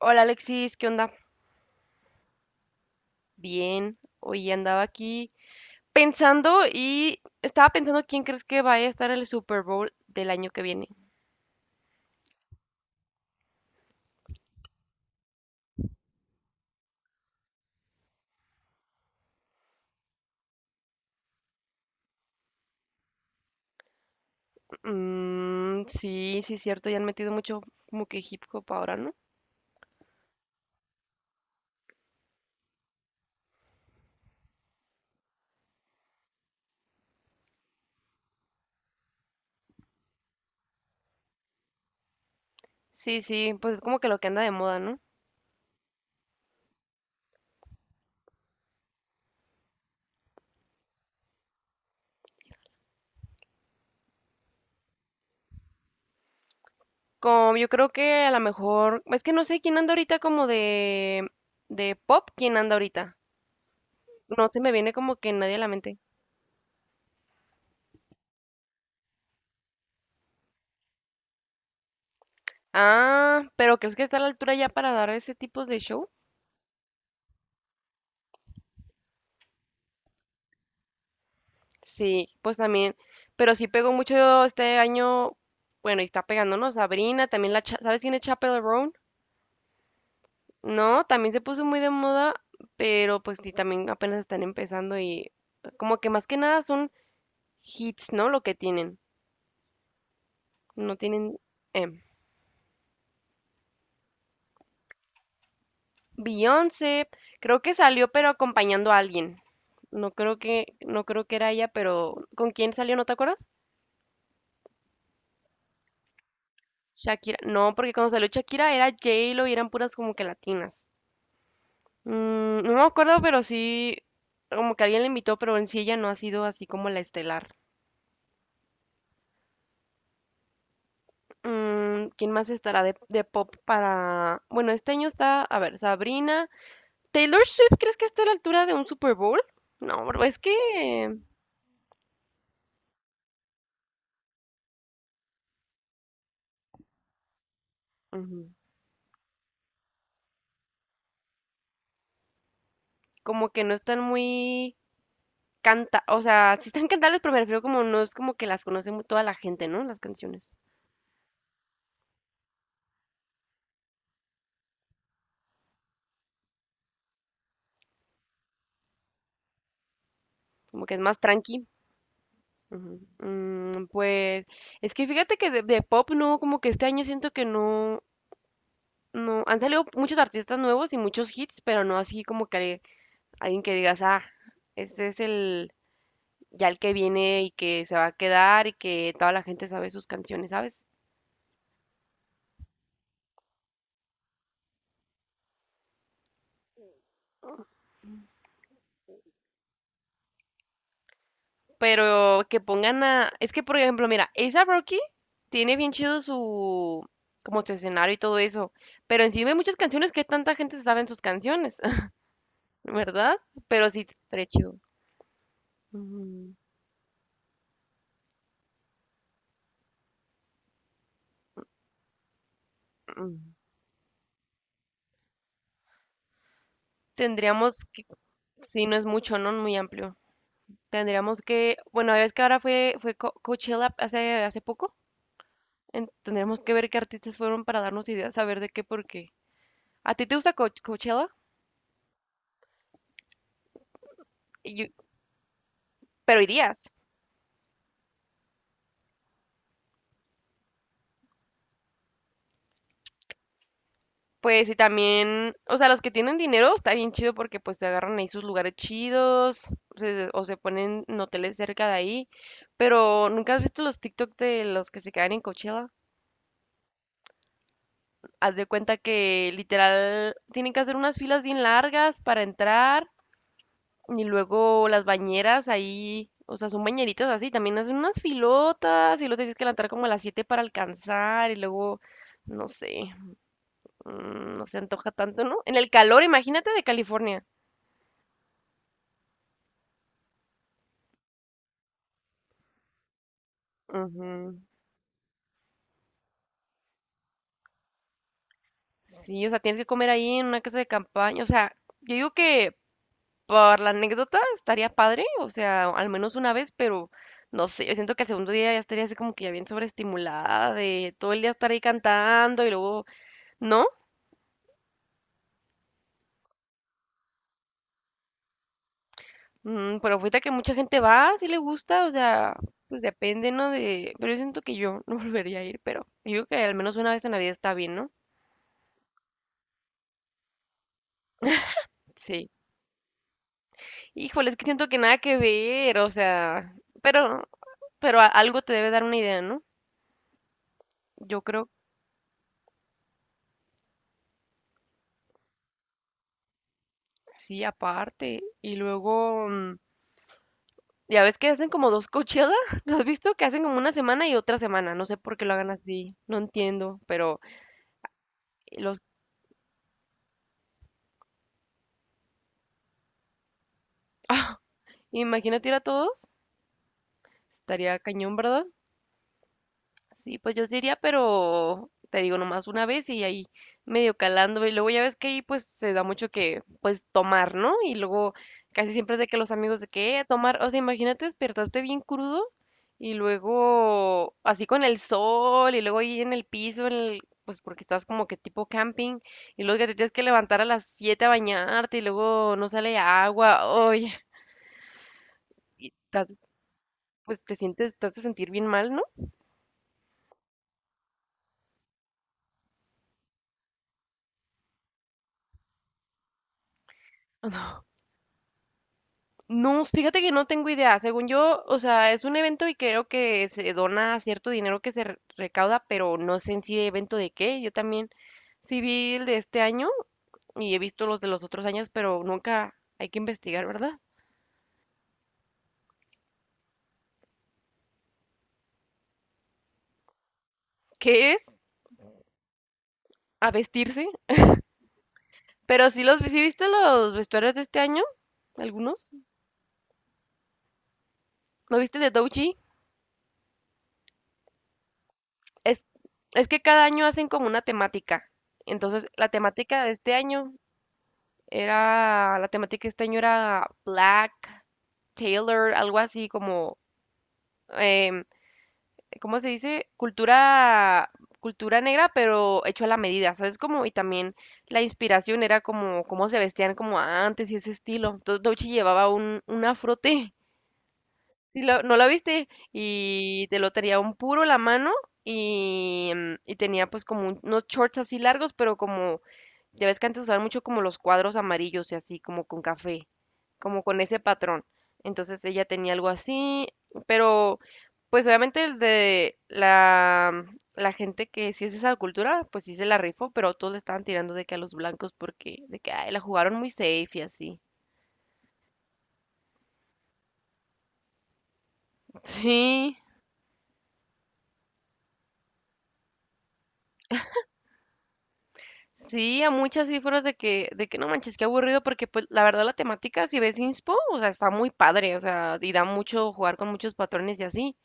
Hola Alexis, ¿qué onda? Bien, hoy andaba aquí pensando y estaba pensando quién crees que vaya a estar en el Super Bowl del año que viene. Mm, sí, sí, cierto, ya han metido mucho como que hip hop ahora, ¿no? Sí, sí, pues es como que lo que anda de moda, ¿no? Como yo creo que a lo mejor, es que no sé quién anda ahorita como de pop, quién anda ahorita. No se me viene como que nadie a la mente. Ah, pero ¿crees que está a la altura ya para dar ese tipo de shows? Sí, pues también, pero sí pegó mucho este año, bueno, y está pegándonos Sabrina, también la, Cha- ¿sabes quién es Chappell Roan? No, también se puso muy de moda, pero pues sí, también apenas están empezando y como que más que nada son hits, ¿no? Lo que tienen, no tienen... em. Beyoncé, creo que salió pero acompañando a alguien. No creo que, no creo que era ella, pero ¿con quién salió? ¿No te acuerdas? Shakira. No, porque cuando salió Shakira era J-Lo y eran puras como que latinas. Mm, no me acuerdo, pero sí, como que alguien la invitó, pero en sí ella no ha sido así como la estelar. Mm, ¿quién más estará de pop para...? Bueno, este año está, a ver, Sabrina. ¿Taylor Swift crees que está a la altura de un Super Bowl? No, bro, es que... ujú. Como que no están muy... Canta, o sea, sí están cantables, pero me refiero como no es como que las conoce mu- toda la gente, ¿no? Las canciones. Como que es más tranqui. Ujú. Mm, pues es que fíjate que de pop no, como que este año siento que no. No, han salido muchos artistas nuevos y muchos hits, pero no así como que alguien que digas, ah, este es el, ya el que viene y que se va a quedar y que toda la gente sabe sus canciones, ¿sabes? Pero que pongan a, es que por ejemplo, mira, A$AP Rocky tiene bien chido su, como su escenario y todo eso, pero encima hay muchas canciones que tanta gente se sabe en sus canciones, ¿verdad? Pero sí, estaría chido. Ujú, ujú. Tendríamos que, si no es mucho, ¿no? Muy amplio. Tendríamos que, bueno, ves que ahora fue, fue Co- Coachella hace, hace poco. Tendríamos que ver qué artistas fueron para darnos ideas, a ver de qué, por qué. ¿A ti te gusta Co- Coachella? Y yo- pero irías. Pues y también, o sea, los que tienen dinero está bien chido porque pues te agarran ahí sus lugares chidos se- o se ponen en hoteles cerca de ahí. Pero ¿nunca has visto los TikTok de los que se quedan en Coachella? Haz de cuenta que literal tienen que hacer unas filas bien largas para entrar. Y luego las bañeras ahí, o sea, son bañeritas así, también hacen unas filotas y luego tienes que levantar como a las 7 para alcanzar y luego, no sé, mm, no se antoja tanto, ¿no? En el calor, imagínate de California. Ujú. Sí, o sea, tienes que comer ahí en una casa de campaña, o sea, yo digo que por la anécdota estaría padre, o sea, al menos una vez, pero no sé, yo siento que el segundo día ya estaría así como que ya bien sobreestimulada de todo el día estar ahí cantando y luego, ¿no? Mm, pero ahorita que mucha gente va, si le gusta, o sea, pues depende, ¿no? De, pero yo siento que yo no volvería a ir, pero yo digo que al menos una vez en la vida está bien, ¿no? Sí. Híjole, es que siento que nada que ver, o sea, pero, pero algo te debe dar una idea, ¿no? Yo creo, sí, aparte. Y luego, mm, ya ves que hacen como dos Coachella, ¿lo has visto? Que hacen como una semana y otra semana, no sé por qué lo hagan así, no entiendo, pero eh, los, imagínate ir a todos, estaría cañón, ¿verdad? Sí, pues yo sí iría, pero te digo nomás una vez y ahí medio calando. Y luego ya ves que ahí pues se da mucho que pues tomar, ¿no? Y luego casi siempre es de que los amigos de que a tomar, o sea, imagínate despertarte bien crudo y luego así con el sol y luego ahí en el piso, pues porque estás como que tipo camping y luego que te tienes que levantar a las 7 a bañarte y luego no sale agua. Oye, y estás- pues te sientes, te hace sentir bien mal, ¿no? No, fíjate que no tengo idea. Según yo, o sea, es un evento y creo que se dona cierto dinero que se recauda, pero no sé en sí evento de qué. Yo también sí vi el de este año y he visto los de los otros años, pero nunca hay que investigar, ¿verdad? ¿Qué es? A vestirse. Pero sí los, sí viste los vestuarios de este año, algunos. ¿No viste el de Douchi? Es, es que cada año hacen como una temática. Entonces, la temática de este año era, la temática de este año era Black. Taylor, algo así como, em, ¿cómo se dice? Cultura, cultura negra, pero hecho a la medida, ¿sabes? Como, y también la inspiración era como cómo se vestían como antes y ese estilo. Entonces Doechii llevaba un afrote. No la viste y te lo tenía un puro la mano y, mm, y tenía pues como unos shorts así largos, pero como, ya ves que antes usaban mucho como los cuadros amarillos y así, como con café, como con ese patrón. Entonces ella tenía algo así, pero pues obviamente el de la, mm, la gente que sí es de esa cultura, pues sí se la rifó, pero todos le estaban tirando de que a los blancos porque de que ay, la jugaron muy safe y así. Sí. Sí, a muchas sí fueron de que no manches, qué aburrido, porque pues la verdad la temática, si ves Inspo, o sea, está muy padre, o sea, y da mucho jugar con muchos patrones y así,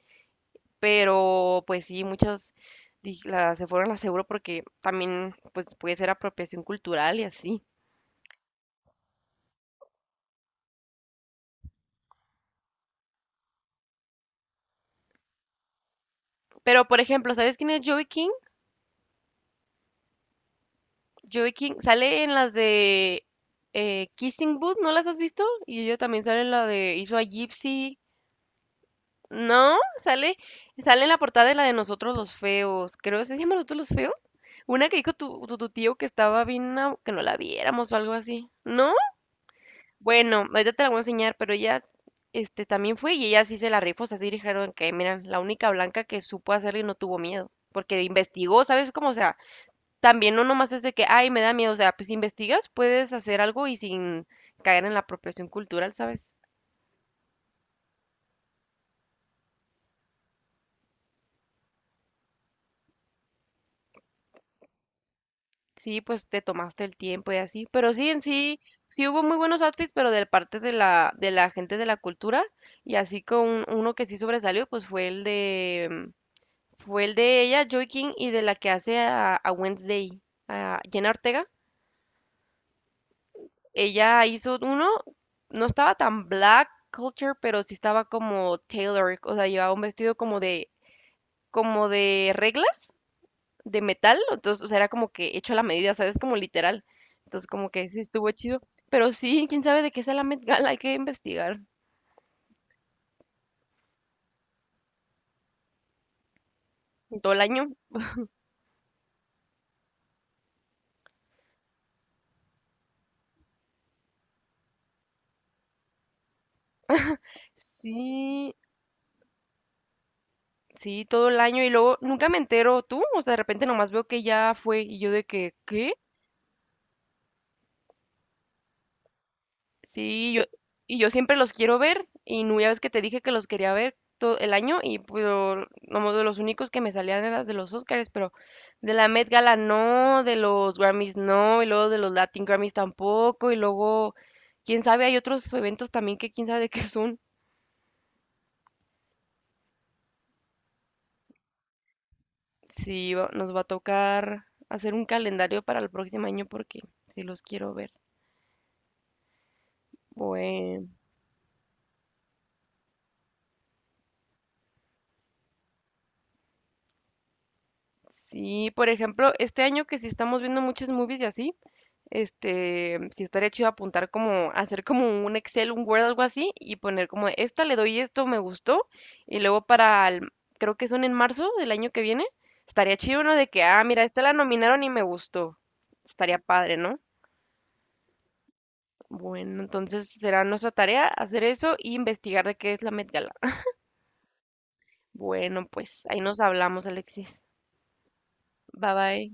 pero pues sí, muchas se fueron a seguro porque también pues puede ser apropiación cultural y así. Pero por ejemplo, ¿sabes quién es Joey King? Joey King sale en las de Kissing Booth, ¿no las has visto? Y ella también sale en la de hizo a Gypsy. No, sale, sale en la portada de la de Nosotros los Feos. Creo, que ¿se llama Nosotros los Feos? Una que dijo tu tío que estaba bien, que no la viéramos o algo así. ¿No? Bueno, ahorita te la voy a enseñar, pero ella, este, también fue y ella sí se la rifó, o sea, sí dijeron que, mira, la única blanca que supo hacerlo y no tuvo miedo. Porque investigó, ¿sabes cómo? O sea, también no nomás es de que, ay, me da miedo. O sea, pues si investigas, puedes hacer algo y sin caer en la apropiación cultural, ¿sabes? Sí, pues te tomaste el tiempo y así, pero sí, en sí, sí hubo muy buenos outfits, pero de parte de la gente de la cultura, y así con uno que sí sobresalió, pues fue el de, mm, fue el de ella, Joy King, y de la que hace a Wednesday, a Jenna Ortega. Ella hizo uno, no estaba tan black culture, pero sí estaba como Taylor, o sea, llevaba un vestido como de reglas, de metal, entonces, o sea, era como que hecho a la medida, ¿sabes? Como literal. Entonces, como que sí estuvo chido. Pero sí, quién sabe de qué es la Met Gala, hay que investigar. Todo el año. Sí, sí, todo el año. Y luego nunca me entero tú. O sea, de repente nomás veo que ya fue y yo de que, ¿qué? Sí, yo, y yo siempre los quiero ver, y no, ya ves que te dije que los quería ver todo el año, y pues, nomás de los únicos que me salían eran de los Oscars, pero de la Met Gala no, de los Grammys no, y luego de los Latin Grammys tampoco, y luego, quién sabe, hay otros eventos también que quién sabe de qué son. Sí, nos va a tocar hacer un calendario para el próximo año porque sí los quiero ver. Bueno, sí, por ejemplo, este año que sí estamos viendo muchas movies y así. Este, si estaría chido apuntar como, hacer como un Excel, un Word, algo así, y poner como, esta le doy esto, me gustó, y luego para, creo que son en marzo del año que viene, estaría chido uno de que, ah, mira, esta la nominaron y me gustó. Estaría padre, ¿no? Bueno, entonces será nuestra tarea hacer eso y investigar de qué es la Met Gala. Bueno, pues ahí nos hablamos, Alexis. Bye bye.